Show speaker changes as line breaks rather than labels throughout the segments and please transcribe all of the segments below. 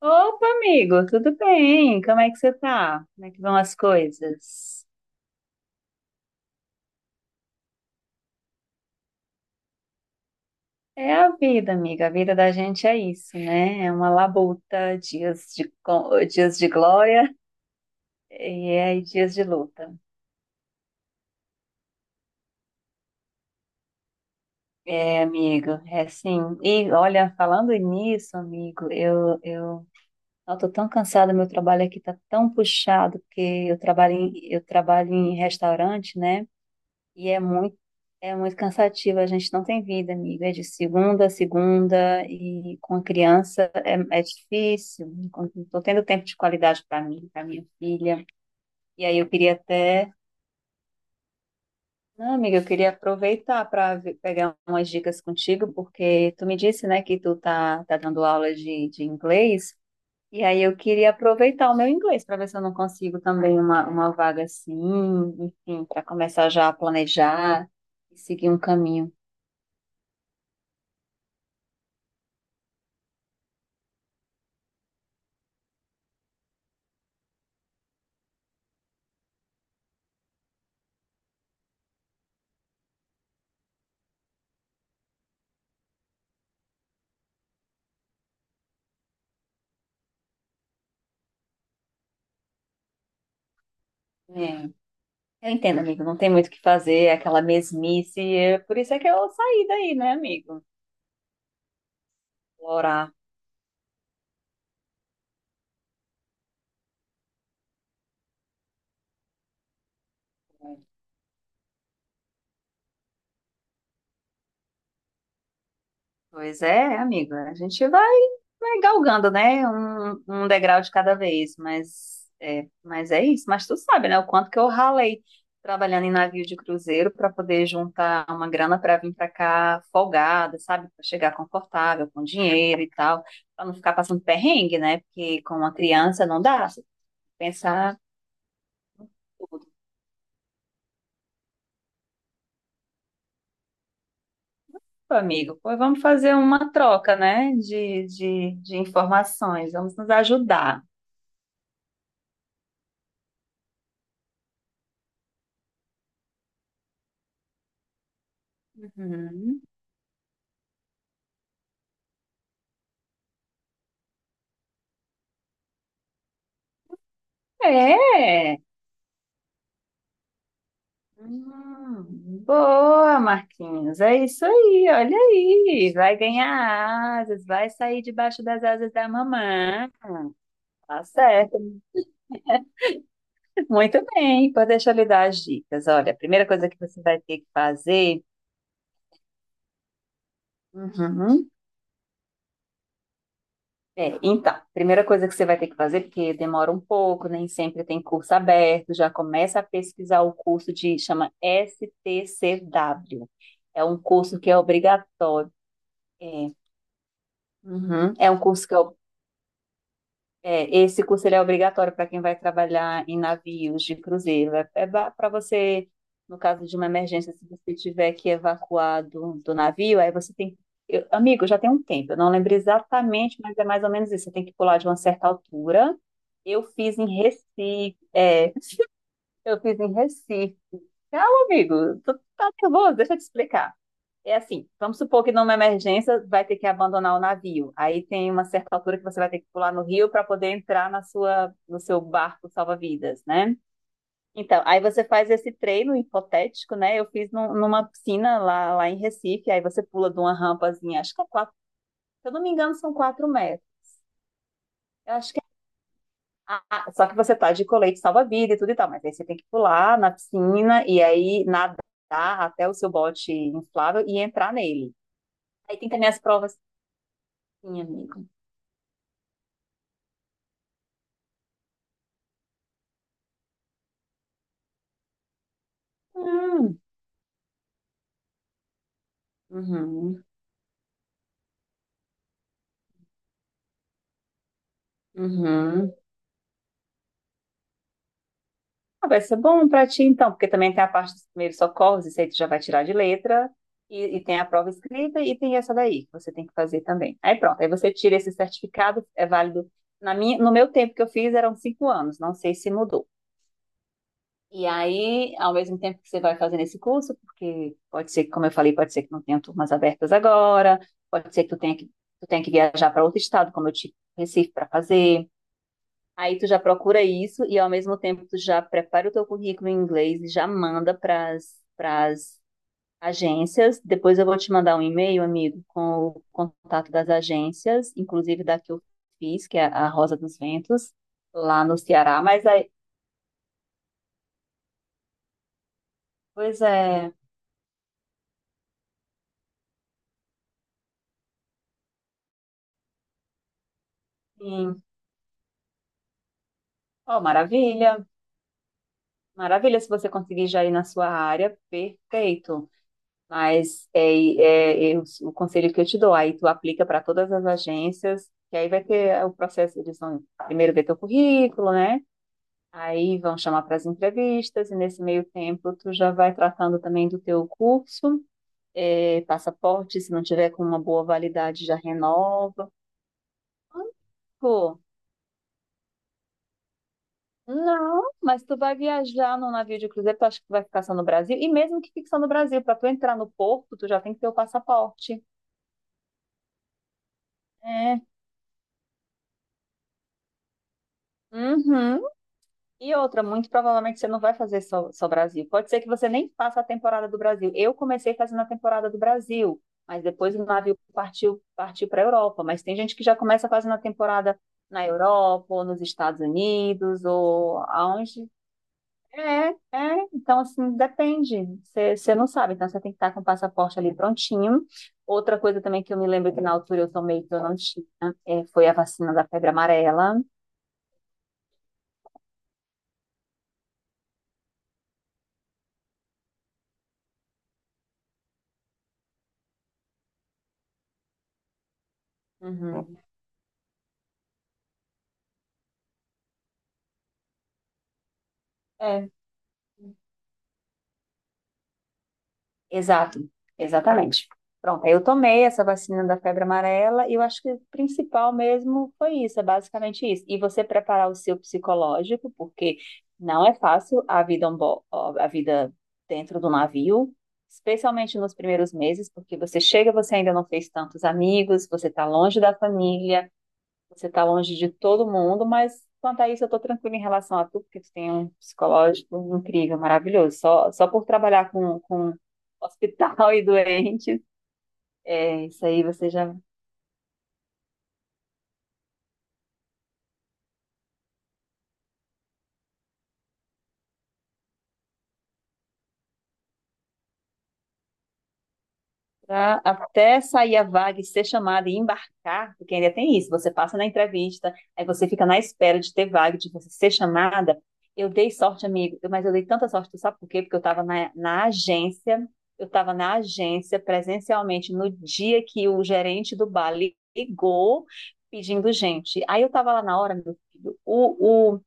Opa, amigo, tudo bem? Como é que você tá? Como é que vão as coisas? É a vida, amiga. A vida da gente é isso, né? É uma labuta, dias de, dias de glória e dias de luta. É, amigo, é assim. E olha, falando nisso, amigo, eu tô tão cansada, meu trabalho aqui tá tão puxado, porque eu trabalho em restaurante, né? E é muito cansativo, a gente não tem vida, amiga. É de segunda a segunda e com a criança é difícil. Estou tendo tempo de qualidade para mim, para minha filha. E aí eu queria até. Não, amiga, eu queria aproveitar para pegar umas dicas contigo, porque tu me disse, né, que tá dando aula de inglês. E aí eu queria aproveitar o meu inglês para ver se eu não consigo também uma vaga assim, enfim, para começar já a planejar e seguir um caminho. É. Eu entendo, amigo. Não tem muito o que fazer, é aquela mesmice. Por isso é que eu saí daí, né, amigo? Explorar. Pois é, amigo. A gente vai, vai galgando, né? Um degrau de cada vez. Mas é isso. Mas tu sabe, né? O quanto que eu ralei trabalhando em navio de cruzeiro para poder juntar uma grana para vir para cá folgada, sabe? Para chegar confortável, com dinheiro e tal. Para não ficar passando perrengue, né? Porque com uma criança não dá. Você tem que pensar. Pô, amigo, pô, vamos fazer uma troca, né, de informações, vamos nos ajudar. Uhum. É, boa, Marquinhos, é isso aí, olha aí, vai ganhar asas, vai sair debaixo das asas da mamãe. Tá certo, muito bem, pô, deixa eu lhe dar as dicas. Olha, a primeira coisa que você vai ter que fazer. Uhum. É, então, primeira coisa que você vai ter que fazer, porque demora um pouco, nem sempre tem curso aberto, já começa a pesquisar o curso de, chama STCW. É um curso que é obrigatório. É, uhum, É um curso que é é, esse curso ele é obrigatório para quem vai trabalhar em navios de cruzeiro. É, para você, no caso de uma emergência, se você tiver que evacuar do navio, aí você tem. Eu, amigo, já tem um tempo, eu não lembro exatamente, mas é mais ou menos isso. Você tem que pular de uma certa altura. Eu fiz em Recife, eu fiz em Recife. Calma, amigo. Tu tá nervoso, deixa eu te explicar. É assim, vamos supor que numa emergência vai ter que abandonar o navio. Aí tem uma certa altura que você vai ter que pular no rio para poder entrar na sua, no seu barco salva-vidas, né? Então, aí você faz esse treino hipotético, né? Eu fiz numa piscina lá, lá em Recife, aí você pula de uma rampazinha, acho que é quatro, se eu não me engano, são 4 metros. Eu acho. Ah, só que você tá de colete salva-vida e tudo e tal, mas aí você tem que pular na piscina e aí nadar até o seu bote inflável e entrar nele. Aí tem também as provas, sim, amigo. Hum, uhum, uhum. Ah, vai ser bom pra ti então, porque também tem a parte dos primeiros socorros, isso aí tu já vai tirar de letra. E tem a prova escrita e tem essa daí que você tem que fazer também. Aí pronto, aí você tira esse certificado, é válido. Na minha, no meu tempo que eu fiz eram 5 anos, não sei se mudou. E aí, ao mesmo tempo que você vai fazendo esse curso, porque pode ser que, como eu falei, pode ser que não tenha turmas abertas agora, pode ser que tu tenha que viajar para outro estado, como eu tive Recife para fazer. Aí tu já procura isso e ao mesmo tempo tu já prepara o teu currículo em inglês e já manda para as agências. Depois eu vou te mandar um e-mail, amigo, com o contato das agências, inclusive da que eu fiz, que é a Rosa dos Ventos, lá no Ceará. Mas aí, pois é, sim. Oh, maravilha. Maravilha, se você conseguir já ir na sua área, perfeito. Mas é o conselho que eu te dou, aí tu aplica para todas as agências, que aí vai ter o processo, eles vão primeiro ver teu currículo, né? Aí vão chamar para as entrevistas, e nesse meio tempo tu já vai tratando também do teu curso, é, passaporte, se não tiver com uma boa validade, já renova. Não, mas tu vai viajar num navio de cruzeiro, tu acha que tu vai ficar só no Brasil? E mesmo que fique só no Brasil, para tu entrar no porto, tu já tem que ter o passaporte. É. Uhum. E outra, muito provavelmente você não vai fazer só Brasil. Pode ser que você nem faça a temporada do Brasil. Eu comecei fazendo a temporada do Brasil, mas depois o navio partiu, partiu para a Europa. Mas tem gente que já começa fazendo a temporada na Europa, ou nos Estados Unidos, ou aonde. É, então assim, depende. Você não sabe, então você tem que estar com o passaporte ali prontinho. Outra coisa também que eu me lembro que na altura eu tomei que eu não tinha, foi a vacina da febre amarela. Uhum. É. Exato, exatamente. Pronto, aí eu tomei essa vacina da febre amarela e eu acho que o principal mesmo foi isso, é basicamente isso. E você preparar o seu psicológico, porque não é fácil a vida, a vida dentro do navio, especialmente nos primeiros meses, porque você chega, você ainda não fez tantos amigos, você está longe da família, você está longe de todo mundo, mas quanto a isso, eu estou tranquila em relação a tu porque tu tem um psicológico incrível, maravilhoso. Só por trabalhar com hospital e doentes, é, isso aí você já. Até sair a vaga e ser chamada e embarcar, porque ainda tem isso, você passa na entrevista, aí você fica na espera de ter vaga, de você ser chamada. Eu dei sorte, amigo, mas eu dei tanta sorte, tu sabe por quê? Porque eu estava na agência, eu estava na agência presencialmente no dia que o gerente do bar ligou pedindo gente. Aí eu estava lá na hora, meu filho,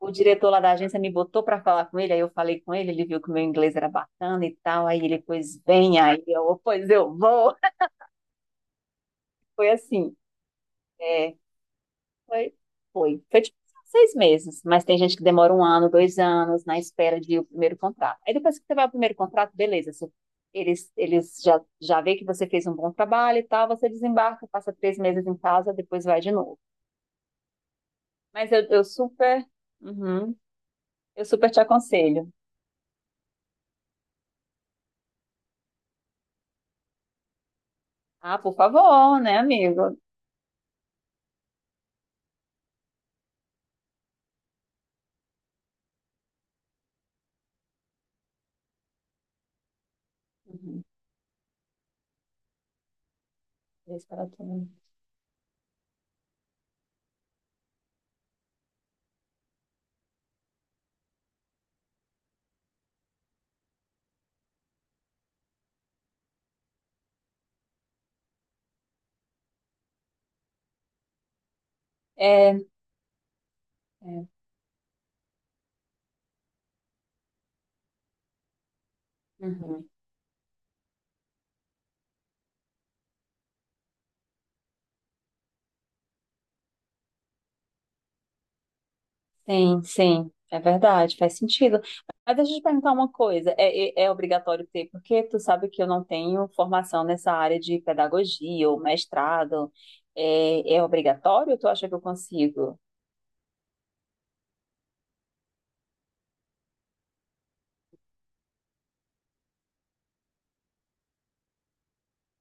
o diretor lá da agência me botou para falar com ele, aí eu falei com ele, ele viu que o meu inglês era bacana e tal, aí ele, pois vem, aí eu, pois eu vou. Foi assim, é, foi, foi tipo 6 meses, mas tem gente que demora 1 ano, 2 anos na espera de o primeiro contrato. Aí depois que você vai ao primeiro contrato, beleza, você- eles já vê que você fez um bom trabalho e tal, você desembarca, passa 3 meses em casa, depois vai de novo. Mas eu super, uhum, eu super te aconselho. Ah, por favor, né, amigo? Uhum. Três para todo É, é. Uhum. Sim, sim. É verdade, faz sentido. Mas deixa eu te perguntar uma coisa. É obrigatório ter, porque tu sabe que eu não tenho formação nessa área de pedagogia ou mestrado. É, é obrigatório ou tu acha que eu consigo?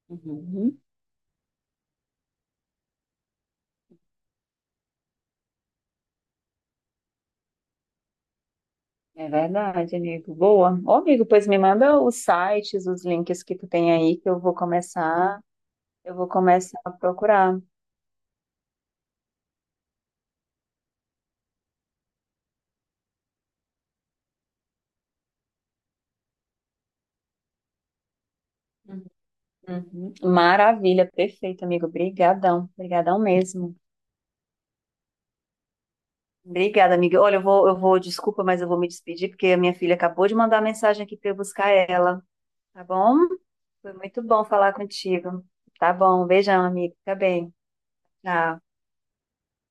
Uhum. É verdade, amigo. Boa. Ô, amigo, pois me manda os sites, os links que tu tem aí, que eu vou começar a procurar. Uhum. Maravilha, perfeito, amigo. Obrigadão, obrigadão mesmo. Obrigada, amiga. Olha, eu vou, desculpa, mas eu vou me despedir porque a minha filha acabou de mandar mensagem aqui para eu buscar ela, tá bom? Foi muito bom falar contigo. Tá bom, beijão, amigo. Fica bem. Tchau.